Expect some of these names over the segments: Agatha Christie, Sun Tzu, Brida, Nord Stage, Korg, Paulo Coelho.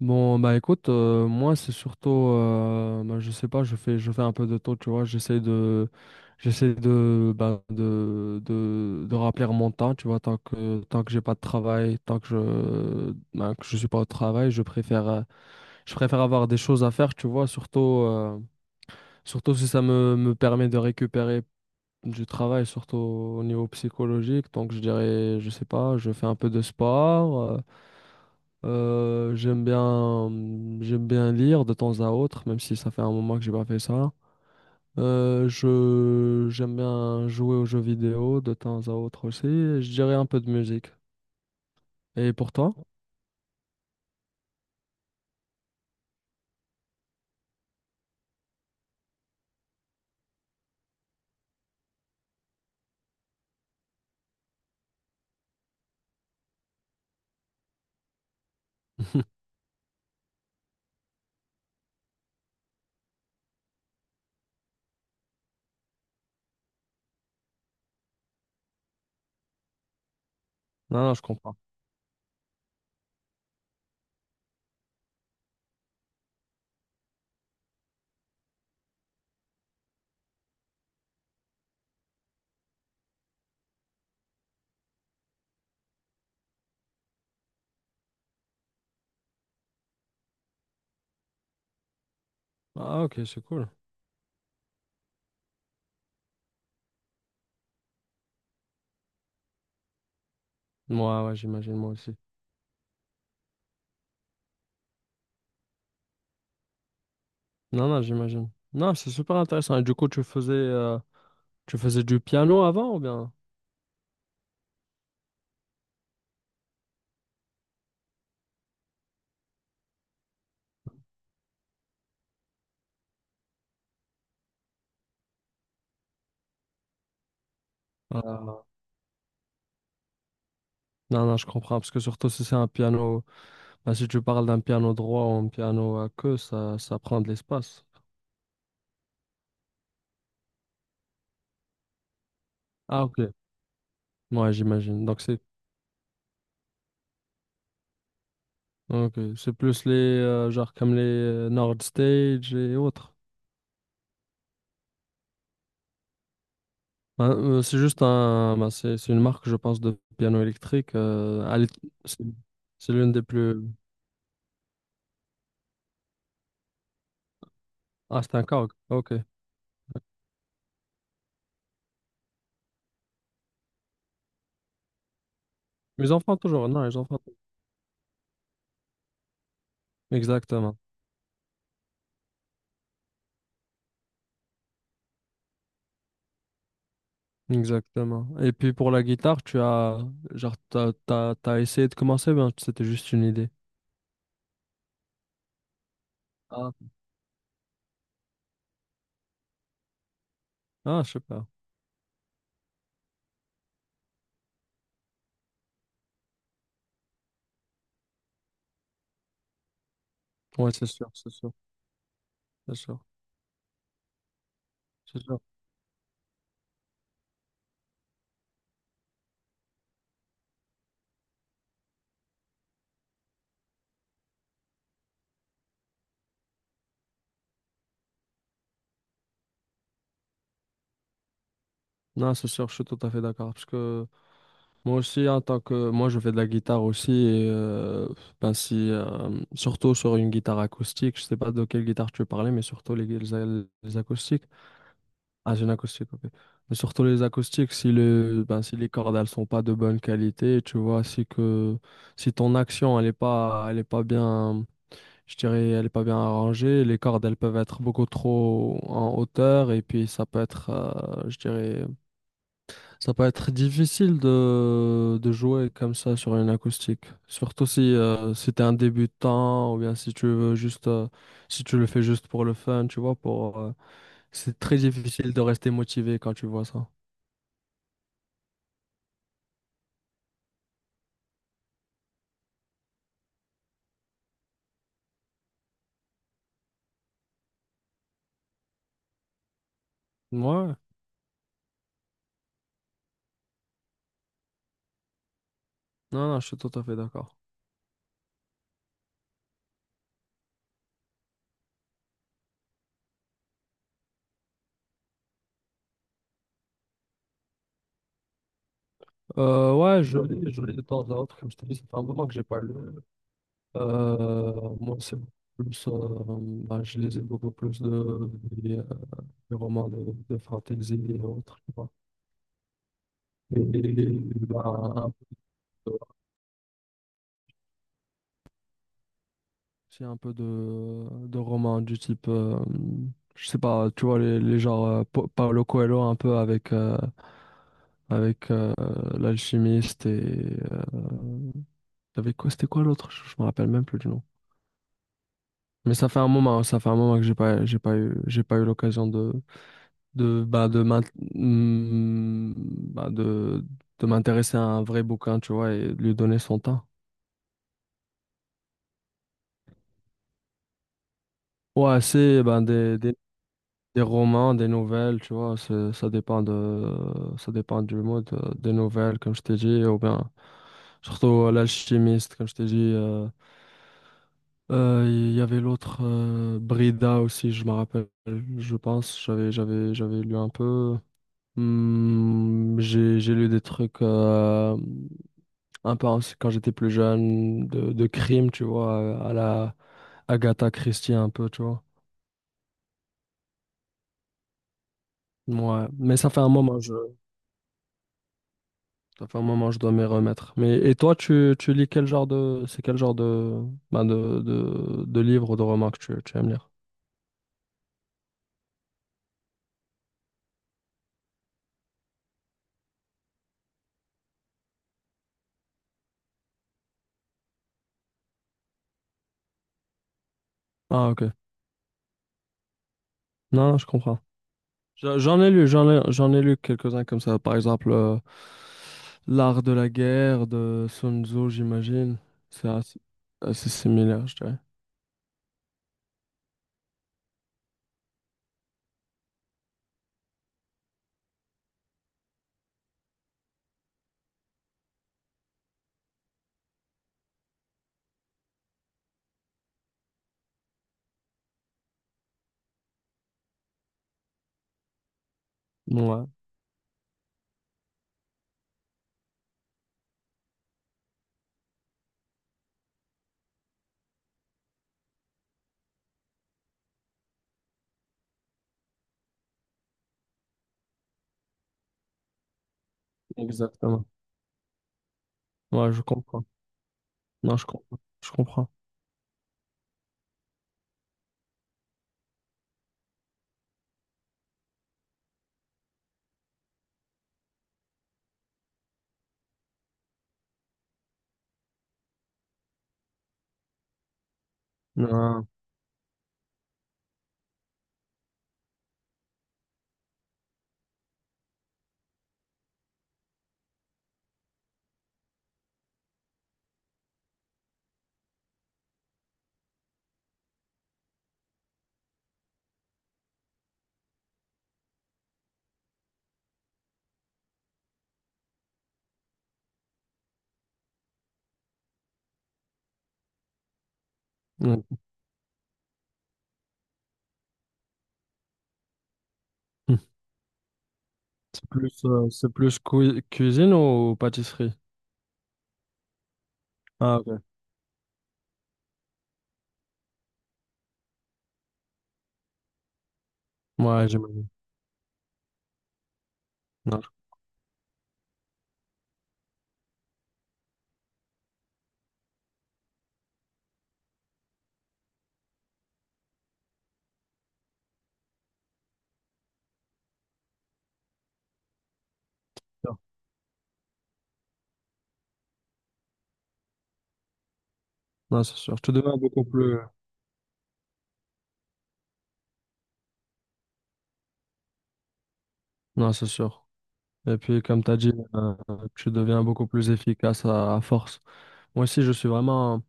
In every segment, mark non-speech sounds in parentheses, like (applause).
Bon, bah écoute, moi c'est surtout, bah, je sais pas, je fais un peu de tout, tu vois, j'essaie de, bah, de remplir mon temps, tu vois, tant que j'ai pas de travail, tant que je, bah, que je suis pas au travail, je préfère avoir des choses à faire, tu vois, surtout si ça me permet de récupérer du travail, surtout au niveau psychologique. Donc je dirais, je sais pas, je fais un peu de sport. Euh, j'aime bien, j'aime bien lire de temps à autre, même si ça fait un moment que j'ai pas fait ça. J'aime bien jouer aux jeux vidéo de temps à autre aussi, et je dirais un peu de musique. Et pour toi? (laughs) Non, non, je comprends. Ah, ok, c'est cool. Moi, ouais, ouais, j'imagine, moi aussi. Non, non, j'imagine. Non, c'est super intéressant. Et du coup, tu faisais du piano avant ou bien? Ah, non, non, je comprends. Parce que surtout si c'est un piano, bah, si tu parles d'un piano droit ou un piano à queue, ça prend de l'espace. Ah, ok. Ouais, j'imagine. Donc, c'est ok, c'est plus les, genre, comme les Nord Stage et autres. C'est juste un, ben, c'est une marque, je pense, de piano électrique. À l'é- c'est c'est l'une des plus. Ah, c'est un Korg. Ok. Mes enfants, toujours. Non, les enfants. Exactement. Exactement. Et puis, pour la guitare, tu as, genre, t'as essayé de commencer, ben, c'était juste une idée. Ah, ah, je sais pas. Ouais, c'est sûr, c'est sûr. Non, c'est sûr, je suis tout à fait d'accord. Parce que moi aussi, en tant que moi, je fais de la guitare aussi. Et, ben si, surtout sur une guitare acoustique. Je sais pas de quelle guitare tu parlais, mais surtout les acoustiques. Ah, j'ai une acoustique, ok. Mais surtout les acoustiques, si le, ben, si les cordes elles sont pas de bonne qualité, tu vois, si ton action elle est pas bien, je dirais, elle est pas bien arrangée, les cordes elles peuvent être beaucoup trop en hauteur et puis ça peut être, je dirais. Ça peut être difficile de jouer comme ça sur une acoustique. Surtout si, si tu es un débutant ou bien si tu veux juste, si tu le fais juste pour le fun, tu vois, pour, c'est très difficile de rester motivé quand tu vois ça. Ouais, non, non, je suis tout à fait d'accord. Ouais, je lis de temps à autre, comme je t'ai dit, ça fait un moment que j'ai pas lu. Moi, c'est beaucoup plus, bah, je lisais beaucoup plus des, euh, des romans de fantasy et autres, tu vois. Et, bah, j'ai un peu de romans du type, je sais pas, tu vois, les genres Pa- Paulo Coelho un peu avec, avec euh, l'alchimiste et avec quoi, c'était quoi l'autre? Je me rappelle même plus du nom. Mais ça fait un moment, ça fait un moment que j'ai pas eu l'occasion bah, de m'int- hmm, bah, de m'intéresser à un vrai bouquin, tu vois, et de lui donner son temps. Ouais, c'est ben des romans, des nouvelles, tu vois, c'est- ça dépend de, ça dépend du mode des nouvelles, comme je t'ai dit, ou bien surtout l'alchimiste, comme je t'ai dit. Il y avait l'autre Brida aussi, je me rappelle, je pense, j'avais lu un peu. J'ai lu des trucs un peu aussi quand j'étais plus jeune, de crime, tu vois, à la Agatha Christie un peu, tu vois. Ouais, mais ça fait un moment. Ça fait un moment, je dois m'y remettre. Mais et toi, tu lis quel genre de c'est quel genre de ben de livres ou de romans que tu aimes lire? Ah ok. Non, non, je comprends. J'en ai lu, j'en ai lu quelques-uns comme ça. Par exemple, l'art de la guerre de Sun Tzu, j'imagine. C'est assez, assez similaire, je dirais. Ouais, exactement. Ouais, je comprends. Non, je comprends. Je comprends. Non, non. Hmm. C'est plus cui- cuisine ou pâtisserie? Ah, ok. Ouais, j'imagine. Non, je- non, c'est sûr. Je te demande beaucoup plus. Non, c'est sûr. Et puis, comme tu as dit, tu deviens beaucoup plus efficace à force. Moi aussi, je suis vraiment,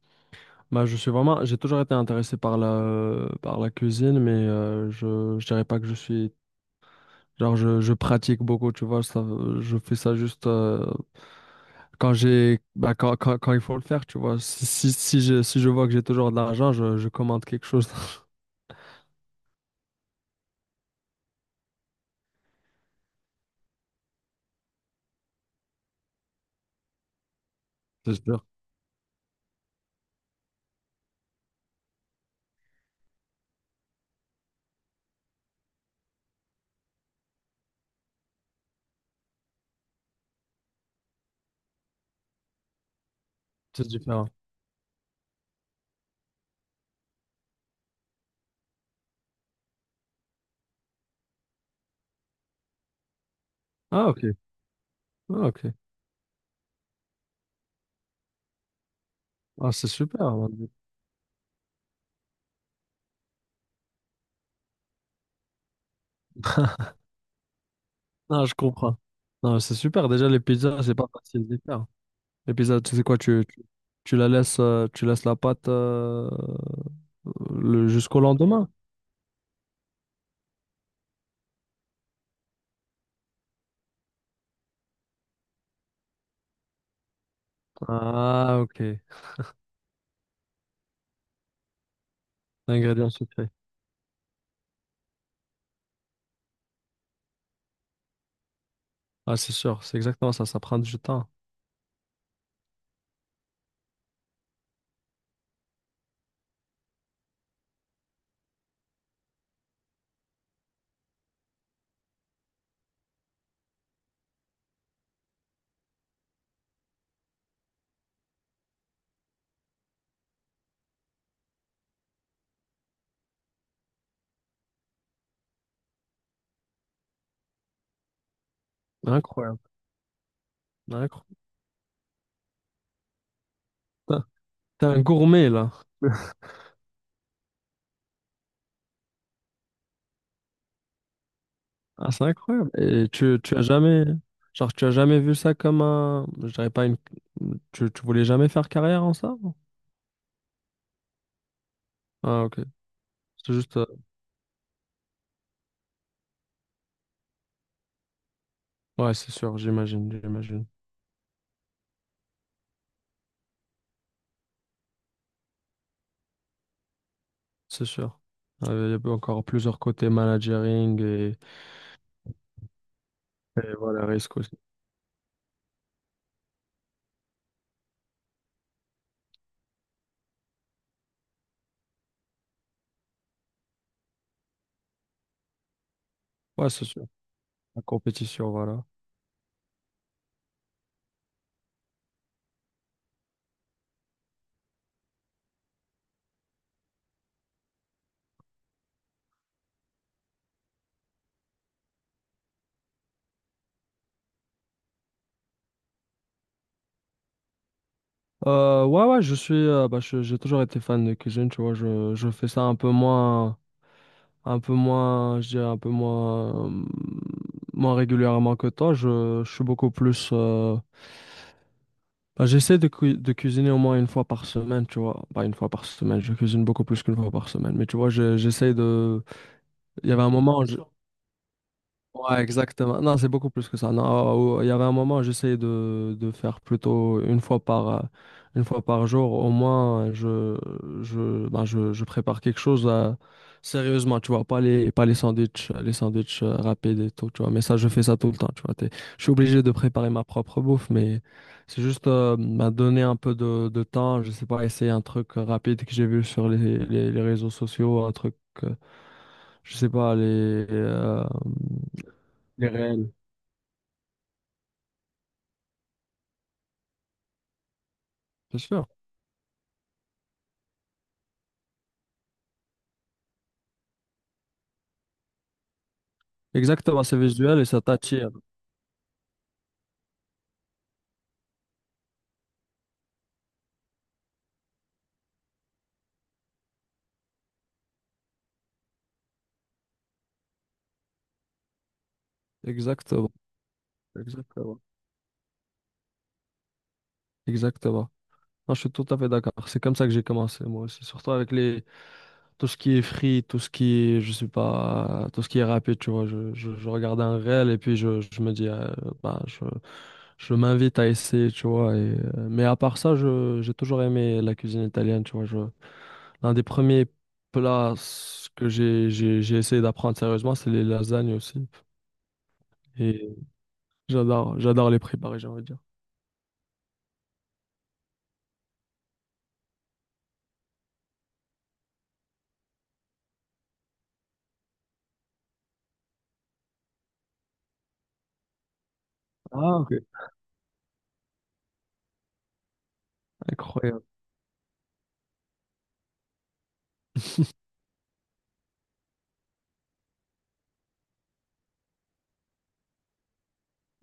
bah, je suis vraiment, j'ai toujours été intéressé par la cuisine, mais je dirais pas que je suis, genre, je pratique beaucoup, tu vois, ça, je fais ça juste quand j'ai, bah, quand il faut le faire, tu vois. Si, si, si je, si je vois que j'ai toujours de l'argent, je commande quelque chose. (laughs) C'est sûr. C'est différent. Ah, ok. Ah, ok. Ah, c'est super. Non, je comprends. Non, c'est super. Déjà, les pizzas, c'est pas facile de les faire. Les pizzas, tu sais quoi, tu la laisses, tu laisses la pâte le, jusqu'au lendemain. Ah, ok. L'ingrédient secret. Ah, c'est sûr, c'est exactement ça. Ça prend du temps. Incroyable. Incroyable. T'es T'es un gourmet, là. Ah, c'est incroyable. Et tu as jamais, genre, tu as jamais vu ça comme un, je dirais pas une, tu voulais jamais faire carrière en ça? Ah, ok. C'est juste, ouais, c'est sûr, j'imagine, j'imagine. C'est sûr. Il y a encore plusieurs côtés managering et voilà, risque aussi. Ouais, c'est sûr. La compétition, voilà. Ouais, je suis, bah, je- j'ai toujours été fan de cuisine, tu vois. Je fais ça un peu moins, je dirais un peu moins, moins régulièrement que toi. Je suis beaucoup plus. Bah, j'essaie cui- de cuisiner au moins une fois par semaine, tu vois. Pas une fois par semaine, je cuisine beaucoup plus qu'une fois par semaine. Mais tu vois, je- j'essaie de. Il y avait un moment. Je- Ouais, exactement. Non, c'est beaucoup plus que ça. Non, il y avait un moment, j'essayais de faire plutôt une fois par jour. Au moins, ben, je prépare quelque chose sérieusement, tu vois. Pas les, pas les sandwichs, les sandwichs rapides et tout, tu vois. Mais ça, je fais ça tout le temps, tu vois. T'es- je suis obligé de préparer ma propre bouffe, mais c'est juste ben, donner un peu de temps. Je sais pas, essayer un truc rapide que j'ai vu sur les réseaux sociaux, un truc, euh, je sais pas, euh, les réels. C'est sûr. Exactement, c'est visuel et ça t'attire. Exactement. Exactement. Exactement. Non, je suis tout à fait d'accord. C'est comme ça que j'ai commencé, moi aussi. Surtout avec les... tout ce qui est free, tout ce qui est, je sais pas, tout ce qui est rapide, tu vois. Je regarde un réel et puis je me dis, bah, je m'invite à essayer, tu vois. Et... Mais à part ça, j'ai toujours aimé la cuisine italienne, tu vois. Je... L'un des premiers plats que j'ai essayé d'apprendre sérieusement, c'est les lasagnes aussi. Et j'adore, j'adore les préparer, j'ai envie de dire. Ah, ok. Incroyable. (laughs)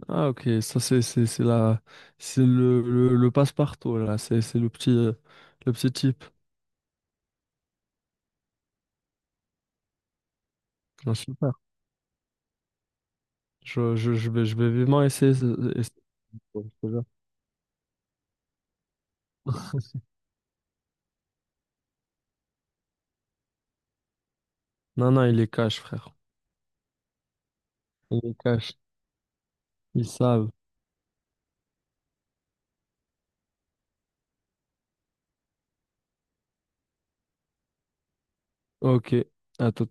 Ah, ok. Ça, c'est la, c'est le, le passe-partout, là. C'est le petit type. Ah, super. Je vais vivement essayer. Ce- essayer ce projet. Non, non, il est cash, frère. Il est cash. Ils savent. Ok. À tout.